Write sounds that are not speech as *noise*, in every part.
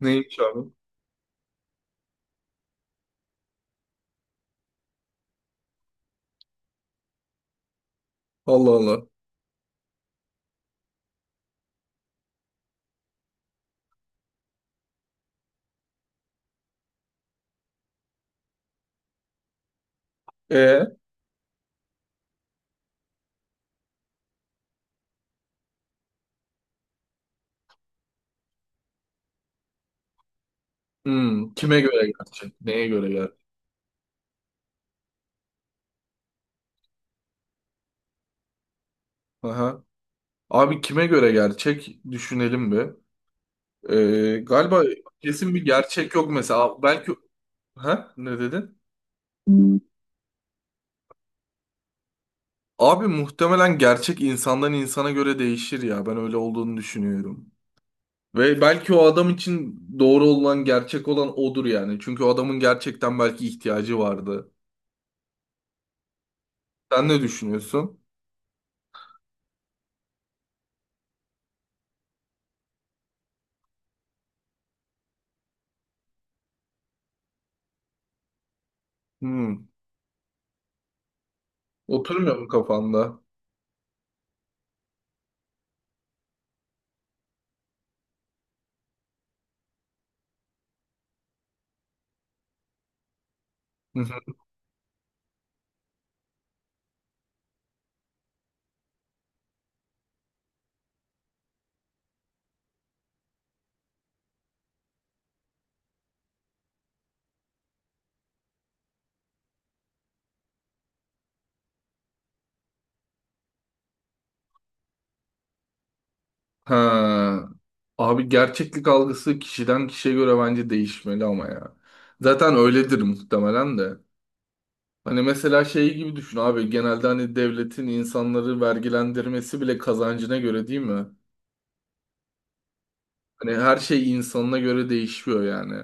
Neymiş abi? Allah Allah. E, kime göre gerçek? Neye göre gerçek? Aha. Abi kime göre gerçek? Düşünelim bir. Galiba kesin bir gerçek yok mesela. Belki. Ha, ne dedin? Hmm. Abi muhtemelen gerçek insandan insana göre değişir ya. Ben öyle olduğunu düşünüyorum. Ve belki o adam için doğru olan, gerçek olan odur yani. Çünkü o adamın gerçekten belki ihtiyacı vardı. Sen ne düşünüyorsun? Hmm. Oturmuyor mu kafanda? Hı hı. Ha. Abi gerçeklik algısı kişiden kişiye göre bence değişmeli ama ya. Zaten öyledir muhtemelen de. Hani mesela şey gibi düşün abi, genelde hani devletin insanları vergilendirmesi bile kazancına göre değil mi? Hani her şey insanına göre değişiyor yani.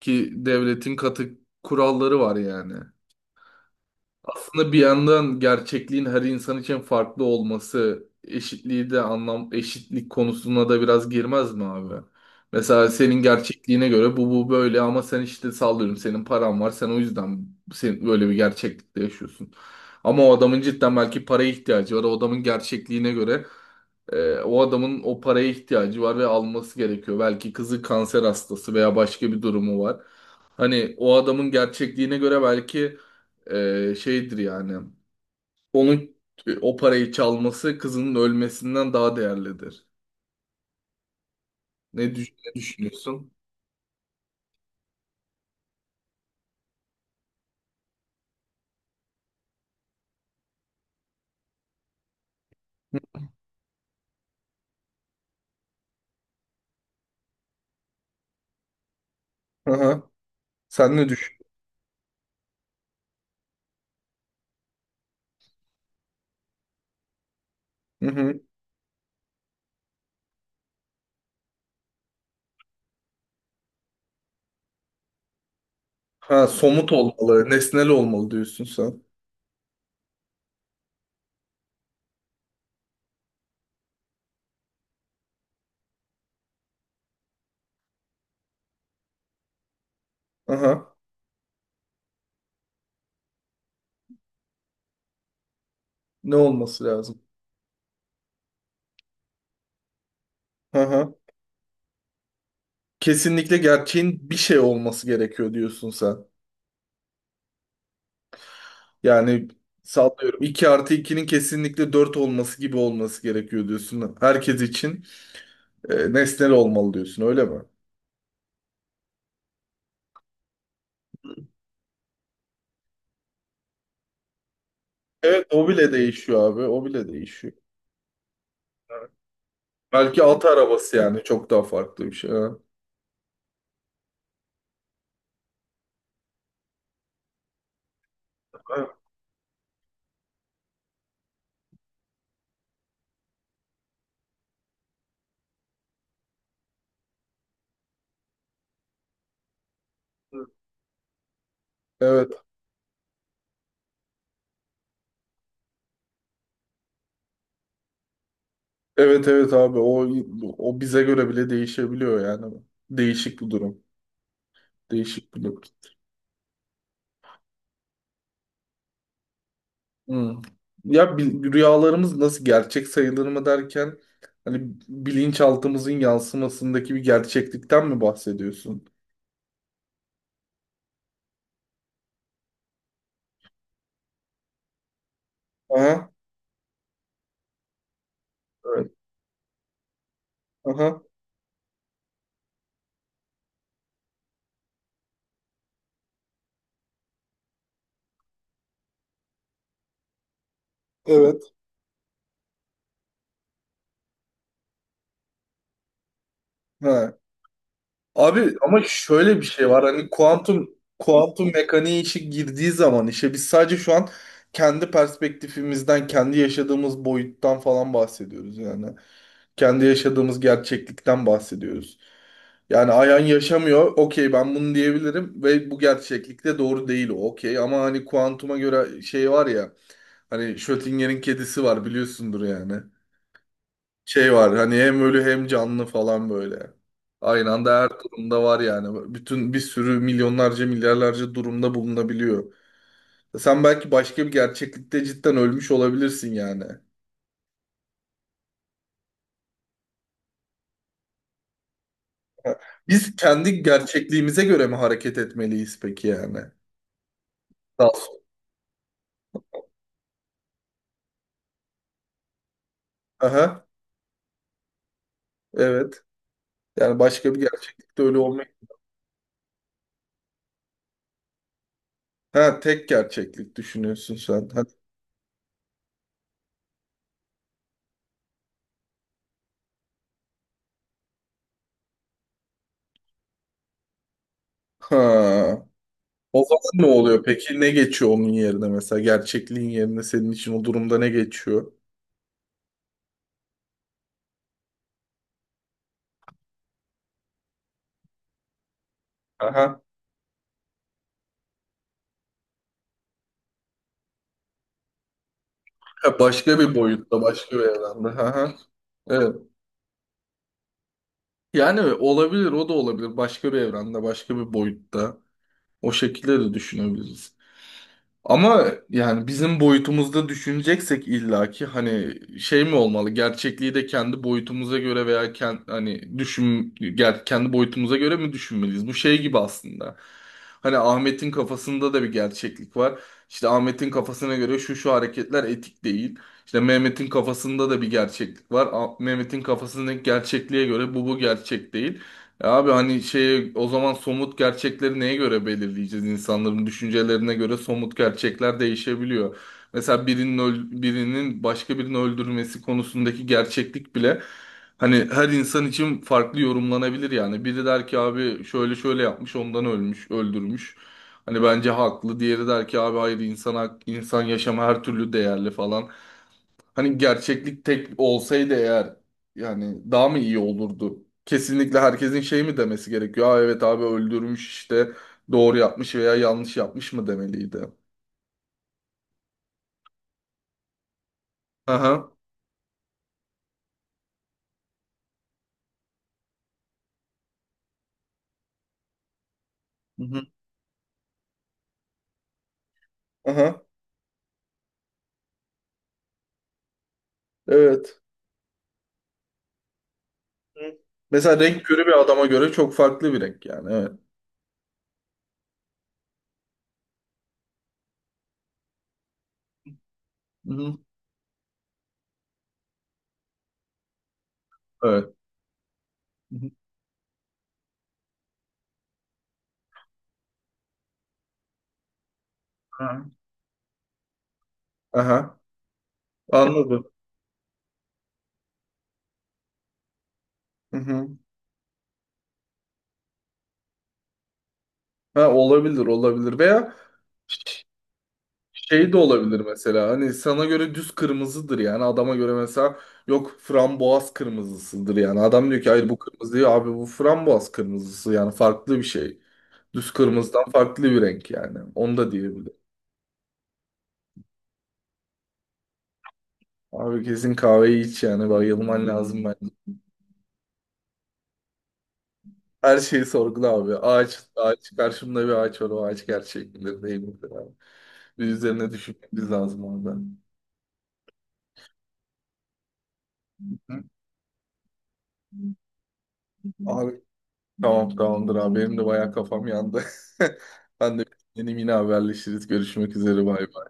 Ki devletin katı kuralları var yani. Aslında bir yandan gerçekliğin her insan için farklı olması eşitliği de anlam, eşitlik konusuna da biraz girmez mi abi? Mesela senin gerçekliğine göre bu böyle, ama sen işte sallıyorum, senin paran var, sen o yüzden sen böyle bir gerçeklikte yaşıyorsun. Ama o adamın cidden belki paraya ihtiyacı var. O adamın gerçekliğine göre o adamın o paraya ihtiyacı var ve alması gerekiyor. Belki kızı kanser hastası veya başka bir durumu var. Hani o adamın gerçekliğine göre belki şeydir yani. Onun o parayı çalması kızının ölmesinden daha değerlidir. Ne düşünüyorsun? Hı hı. Sen ne düşünüyorsun? Hı hı. Ha, somut olmalı, nesnel olmalı diyorsun sen. Aha. Ne olması lazım? Aha. Kesinlikle gerçeğin bir şey olması gerekiyor diyorsun sen. Yani sallıyorum, 2 artı ikinin kesinlikle 4 olması gibi olması gerekiyor diyorsun. Herkes için nesnel olmalı diyorsun öyle mi? Evet o bile değişiyor abi, o bile değişiyor. Belki at arabası yani, çok daha farklı bir şey. Ha. Evet. Evet. Evet evet abi, o o bize göre bile değişebiliyor yani. Değişik bir durum. Değişik bir durum. Hmm. Ya, rüyalarımız nasıl gerçek sayılır mı derken hani bilinçaltımızın yansımasındaki bir gerçeklikten mi bahsediyorsun? Aha. Evet. Aha. Evet. Ha. Abi ama şöyle bir şey var, hani kuantum mekaniği işi girdiği zaman işe, biz sadece şu an kendi perspektifimizden, kendi yaşadığımız boyuttan falan bahsediyoruz yani. Kendi yaşadığımız gerçeklikten bahsediyoruz. Yani Ayhan yaşamıyor, okey, ben bunu diyebilirim ve bu gerçeklikte doğru değil o, okey, ama hani kuantuma göre şey var ya, hani Schrödinger'in kedisi var biliyorsundur yani, şey var hani hem ölü hem canlı falan böyle. Aynı anda her durumda var yani. Bütün bir sürü milyonlarca milyarlarca durumda bulunabiliyor. Sen belki başka bir gerçeklikte cidden ölmüş olabilirsin yani. Biz kendi gerçekliğimize göre mi hareket etmeliyiz peki yani? Sağ ol. Aha, evet. Yani başka bir gerçeklikte öyle olmayı... Ha, tek gerçeklik düşünüyorsun sen. Ha. Ha. O zaman ne oluyor peki? Ne geçiyor onun yerine mesela? Gerçekliğin yerine senin için o durumda ne geçiyor? Aha. Ha, başka bir boyutta, başka bir evrende. Aha. Evet. Yani olabilir, o da olabilir. Başka bir evrende, başka bir boyutta. O şekilde de düşünebiliriz. Ama yani bizim boyutumuzda düşüneceksek illaki hani şey mi olmalı? Gerçekliği de kendi boyutumuza göre veya kendi boyutumuza göre mi düşünmeliyiz? Bu şey gibi aslında. Hani Ahmet'in kafasında da bir gerçeklik var. İşte Ahmet'in kafasına göre şu şu hareketler etik değil. İşte Mehmet'in kafasında da bir gerçeklik var. Mehmet'in kafasındaki gerçekliğe göre bu gerçek değil. Ya abi, hani şey, o zaman somut gerçekleri neye göre belirleyeceğiz? İnsanların düşüncelerine göre somut gerçekler değişebiliyor. Mesela birinin başka birini öldürmesi konusundaki gerçeklik bile hani her insan için farklı yorumlanabilir yani. Biri der ki abi şöyle şöyle yapmış, ondan ölmüş, öldürmüş. Hani bence haklı. Diğeri der ki abi hayır, insan yaşamı her türlü değerli falan. Hani gerçeklik tek olsaydı eğer yani daha mı iyi olurdu? Kesinlikle herkesin şey mi demesi gerekiyor? Aa evet abi öldürmüş işte, doğru yapmış veya yanlış yapmış mı demeliydi? Aha. Hı hı. Aha. Evet. Hı. Mesela renk körü bir adama göre çok farklı bir renk yani. Evet. Hı hı. Evet. Hı hı. Aha. Anladım. Hı hı. Ha, olabilir olabilir veya şey de olabilir, mesela hani sana göre düz kırmızıdır yani adama göre mesela yok frambuaz kırmızısıdır yani adam diyor ki hayır bu kırmızı değil abi, bu frambuaz kırmızısı yani farklı bir şey. Düz kırmızıdan farklı bir renk yani, onu da diyebilir. Abi kesin kahveyi iç yani, bayılman lazım bence. Her şeyi sorgula abi, ağaç ağaç karşımda bir ağaç var, o ağaç gerçek midir değil midir abi. Bir üzerine düşünmemiz lazım orada. Hı? Abi, tamam, tamamdır abi. Benim de bayağı kafam yandı. *laughs* Ben de yine haberleşiriz. Görüşmek üzere. Bay bay.